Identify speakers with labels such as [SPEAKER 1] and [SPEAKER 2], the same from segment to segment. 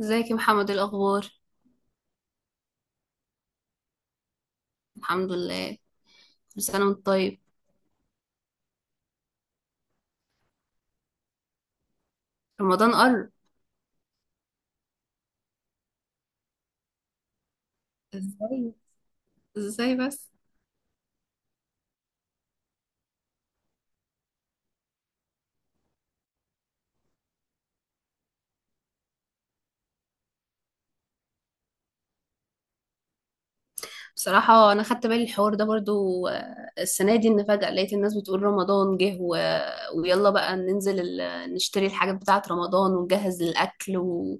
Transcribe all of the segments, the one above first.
[SPEAKER 1] ازيك يا محمد، إيه الاخبار؟ الحمد لله. كل سنه وانت طيب. رمضان قرب. ازاي؟ ازاي بس؟ بصراحه انا خدت بالي الحوار ده برضو، السنه دي ان فجاه لقيت الناس بتقول رمضان جه ويلا بقى ننزل نشتري الحاجات بتاعه رمضان ونجهز للاكل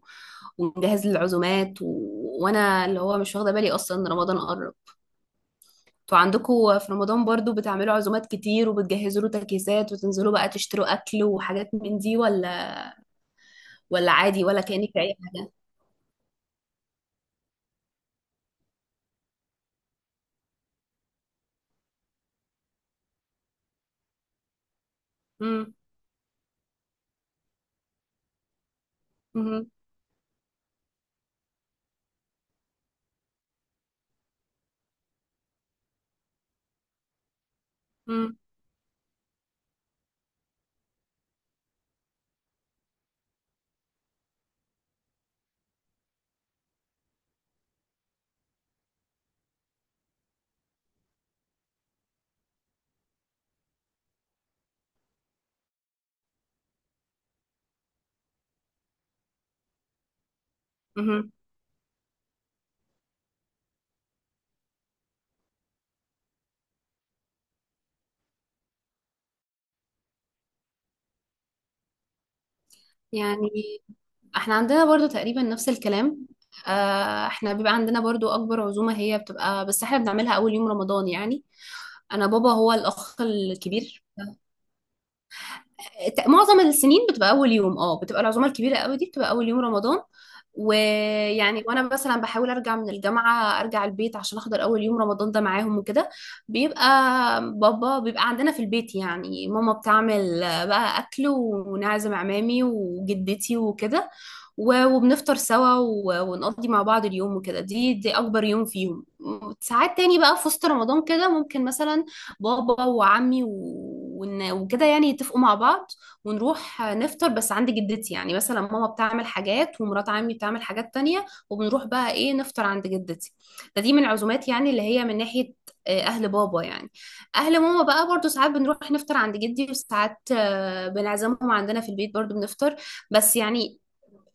[SPEAKER 1] ونجهز للعزومات وانا اللي هو مش واخده بالي اصلا ان رمضان قرب. انتوا عندكم في رمضان برضو بتعملوا عزومات كتير وبتجهزوا له تجهيزات وتنزلوا بقى تشتروا اكل وحاجات من دي، ولا ولا عادي، ولا كأنك في أي حاجة؟ امم. امم. امم. امم. يعني احنا عندنا برضو تقريبا نفس الكلام. احنا بيبقى عندنا برضو أكبر عزومة هي بتبقى، بس احنا بنعملها أول يوم رمضان يعني. أنا بابا هو الأخ الكبير. معظم السنين بتبقى اول يوم، اه بتبقى العزومه الكبيره قوي دي، بتبقى اول يوم رمضان. ويعني وانا مثلا بحاول ارجع من الجامعه، ارجع البيت عشان احضر اول يوم رمضان ده معاهم وكده. بيبقى بابا بيبقى عندنا في البيت، يعني ماما بتعمل بقى اكل ونعزم عمامي وجدتي وكده. وبنفطر سوا ونقضي مع بعض اليوم وكده. دي اكبر يوم فيهم. ساعات تاني بقى في وسط رمضان كده ممكن مثلا بابا وعمي وكده يعني يتفقوا مع بعض ونروح نفطر بس عند جدتي، يعني مثلا ماما بتعمل حاجات ومرات عمي بتعمل حاجات تانية وبنروح بقى ايه نفطر عند جدتي. ده دي من العزومات يعني اللي هي من ناحية اهل بابا يعني. اهل ماما بقى برضو ساعات بنروح نفطر عند جدي، وساعات بنعزمهم عندنا في البيت برضو بنفطر. بس يعني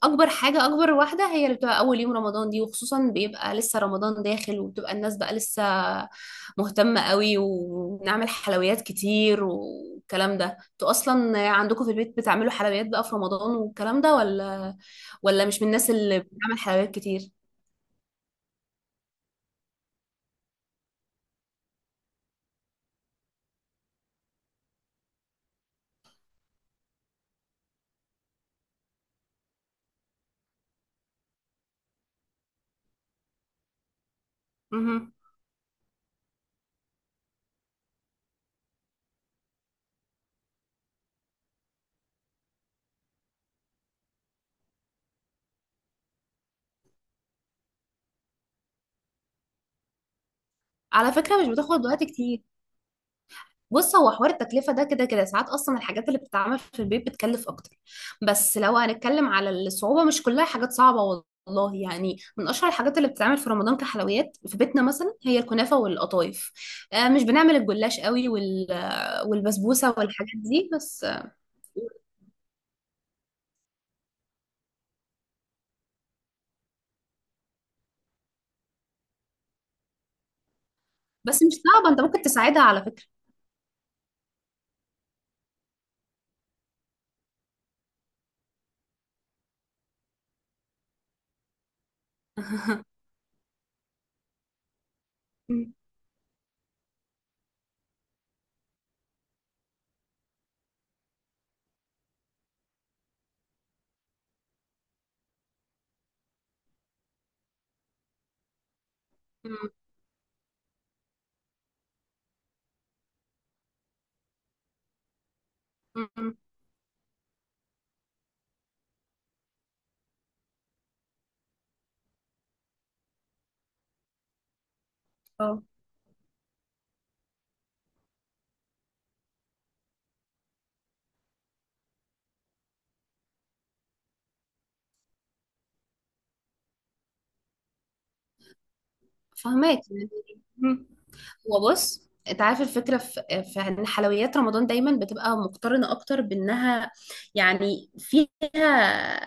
[SPEAKER 1] اكبر حاجه، اكبر واحده هي اللي بتبقى اول يوم رمضان دي، وخصوصا بيبقى لسه رمضان داخل وبتبقى الناس بقى لسه مهتمه قوي، ونعمل حلويات كتير والكلام ده. انتوا اصلا عندكم في البيت بتعملوا حلويات بقى في رمضان والكلام ده، ولا مش من الناس اللي بتعمل حلويات كتير؟ مهم. على فكره مش بتاخد وقت كتير. بص هو حوار التكلفة ده كده كده، ساعات أصلا الحاجات اللي بتتعمل في البيت بتكلف أكتر. بس لو هنتكلم على الصعوبة، مش كلها حاجات صعبة والله يعني. من أشهر الحاجات اللي بتتعمل في رمضان كحلويات في بيتنا مثلا هي الكنافة والقطايف. آه مش بنعمل الجلاش قوي والبسبوسة والحاجات دي بس. بس مش صعبة، أنت ممكن تساعدها على فكرة. م- م- م- اه، فهماك يعني. م- هو بص انت عارف الفكره في ان حلويات رمضان دايما بتبقى مقترنه اكتر بانها يعني فيها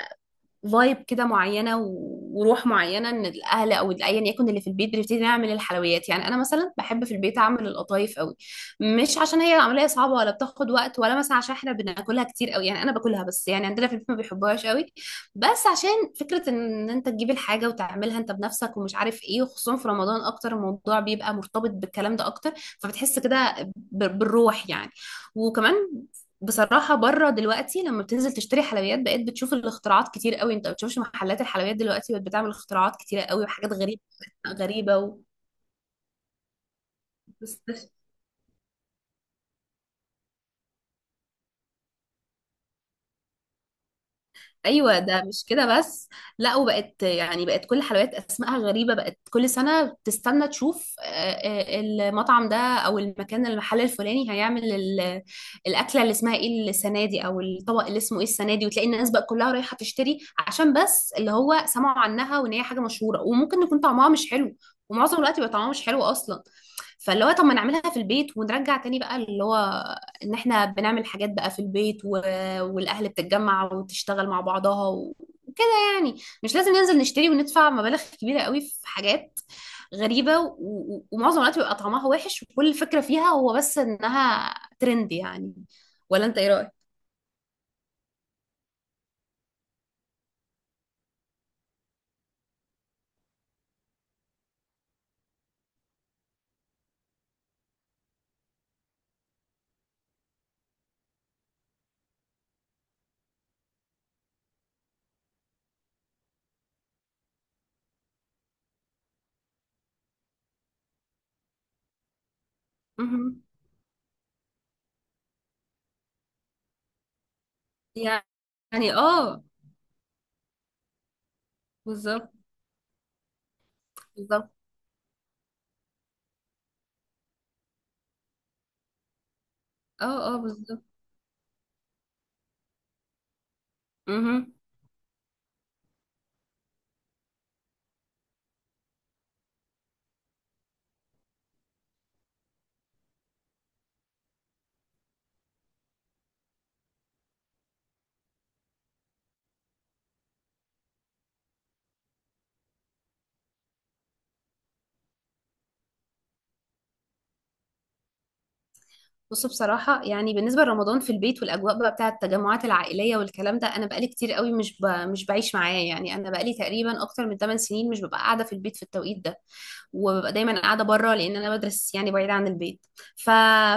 [SPEAKER 1] فايب كده معينه و- وروح معينه، ان الاهل او ايا يكن اللي في البيت بنبتدي نعمل الحلويات يعني. انا مثلا بحب في البيت اعمل القطايف قوي، مش عشان هي عمليه صعبه ولا بتاخد وقت ولا مثلا عشان احنا بناكلها كتير قوي يعني. انا باكلها بس، يعني عندنا في البيت ما بيحبوهاش قوي. بس عشان فكره ان انت تجيب الحاجه وتعملها انت بنفسك ومش عارف ايه، وخصوصا في رمضان اكتر الموضوع بيبقى مرتبط بالكلام ده اكتر، فبتحس كده بالروح يعني. وكمان بصراحة بره دلوقتي لما بتنزل تشتري حلويات بقيت بتشوف الاختراعات كتير قوي. انت ما بتشوفش محلات الحلويات دلوقتي بقت بتعمل اختراعات كتيرة قوي وحاجات غريبة، غريبة بس- ايوه ده مش كده بس. لا، وبقت يعني، بقت كل حلويات اسمائها غريبه، بقت كل سنه بتستنى تشوف المطعم ده او المكان، المحل الفلاني هيعمل الاكله اللي اسمها ايه السنه دي او الطبق اللي اسمه ايه السنه دي، وتلاقي الناس بقى كلها رايحه تشتري عشان بس اللي هو سمعوا عنها وان هي حاجه مشهوره، وممكن يكون طعمها مش حلو. ومعظم الوقت بيبقى طعمها مش حلو اصلا. فاللي هو طب ما نعملها في البيت ونرجع تاني بقى، اللي هو ان احنا بنعمل حاجات بقى في البيت والاهل بتتجمع وتشتغل مع بعضها وكده يعني. مش لازم ننزل نشتري وندفع مبالغ كبيره قوي في حاجات غريبه ومعظم الوقت بيبقى طعمها وحش، وكل فكره فيها هو بس انها ترند يعني. ولا انت ايه رايك؟ مهم. يعني اه، بالظبط. بالظبط. اه اه بالظبط. مهم. بص بصراحة يعني بالنسبة لرمضان في البيت والأجواء بقى بتاعة التجمعات العائلية والكلام ده، أنا بقالي كتير قوي مش مش بعيش معاه يعني. أنا بقالي تقريبا أكتر من 8 سنين مش ببقى قاعدة في البيت في التوقيت ده، وببقى دايما قاعده بره لان انا بدرس يعني بعيد عن البيت. ف...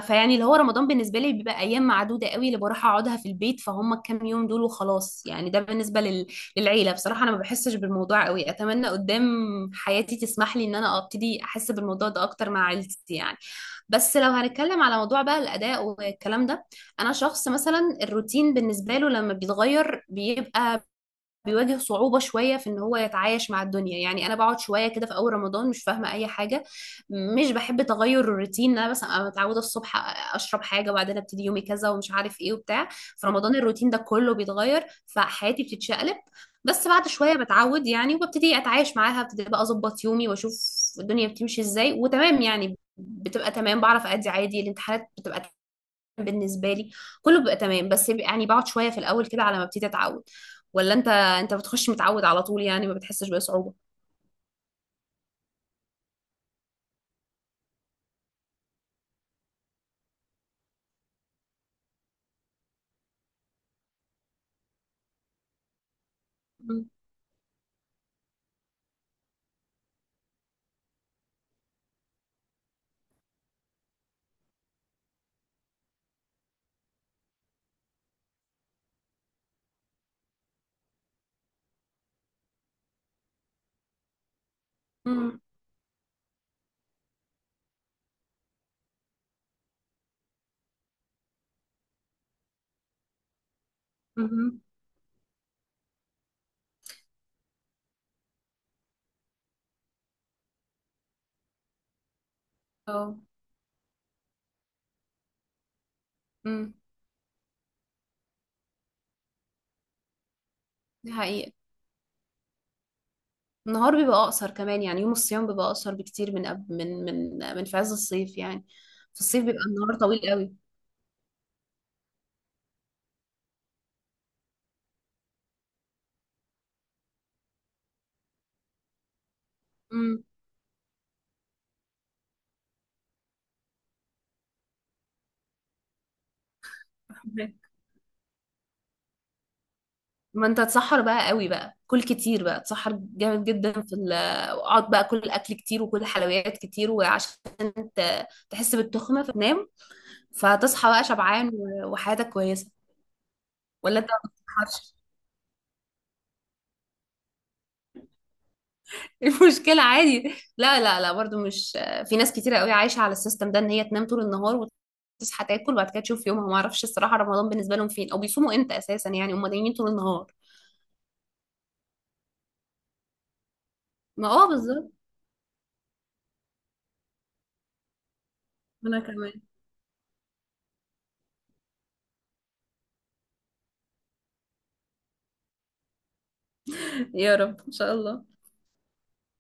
[SPEAKER 1] فيعني اللي هو رمضان بالنسبه لي بيبقى ايام معدوده قوي اللي بروح اقعدها في البيت، فهم الكام يوم دول وخلاص يعني. ده بالنسبه للعيله. بصراحه انا ما بحسش بالموضوع قوي، اتمنى قدام حياتي تسمح لي ان انا ابتدي احس بالموضوع ده اكتر مع عيلتي يعني. بس لو هنتكلم على موضوع بقى الاداء والكلام ده: انا شخص مثلا الروتين بالنسبه له لما بيتغير بيبقى بيواجه صعوبة شوية في ان هو يتعايش مع الدنيا يعني. انا بقعد شوية كده في اول رمضان مش فاهمة اي حاجة، مش بحب تغير الروتين. انا بس أنا متعودة الصبح اشرب حاجة وبعدين ابتدي يومي كذا ومش عارف ايه وبتاع. في رمضان الروتين ده كله بيتغير فحياتي بتتشقلب. بس بعد شوية بتعود يعني وببتدي اتعايش معاها، ابتدي بقى اظبط يومي واشوف الدنيا بتمشي ازاي وتمام يعني. بتبقى تمام، بعرف ادي عادي، الامتحانات بتبقى بالنسبه لي كله بيبقى تمام. يعني بقعد شويه في الاول كده على ما ابتدي اتعود. ولا انت بتخش متعود على طول يعني ما بتحسش بصعوبه؟ مم. مم. مم. اه. امم. دي حقيقه. النهار بيبقى اقصر كمان يعني يوم الصيام بيبقى اقصر بكتير من أب... من من من في عز الصيف يعني. في الصيف بيبقى النهار طويل قوي. امم. ما انت تسحر بقى قوي، بقى كل كتير، بقى تسحر جامد جدا في اقعد بقى كل اكل كتير وكل حلويات كتير وعشان ت... تحس بالتخمه فتنام. فهتصحى بقى شبعان وحياتك كويسه. ولا انت ما بتسحرش؟ المشكله عادي. لا لا لا، برضو مش، في ناس كتيره قوي عايشه على السيستم ده ان هي تنام طول النهار وتصحى تاكل وبعد كده تشوف يومها، ما اعرفش الصراحه رمضان بالنسبه لهم فين او بيصوموا امتى اساسا يعني، هم نايمين طول النهار. ما اه، بالظبط. انا كمان. يا رب ان شاء الله.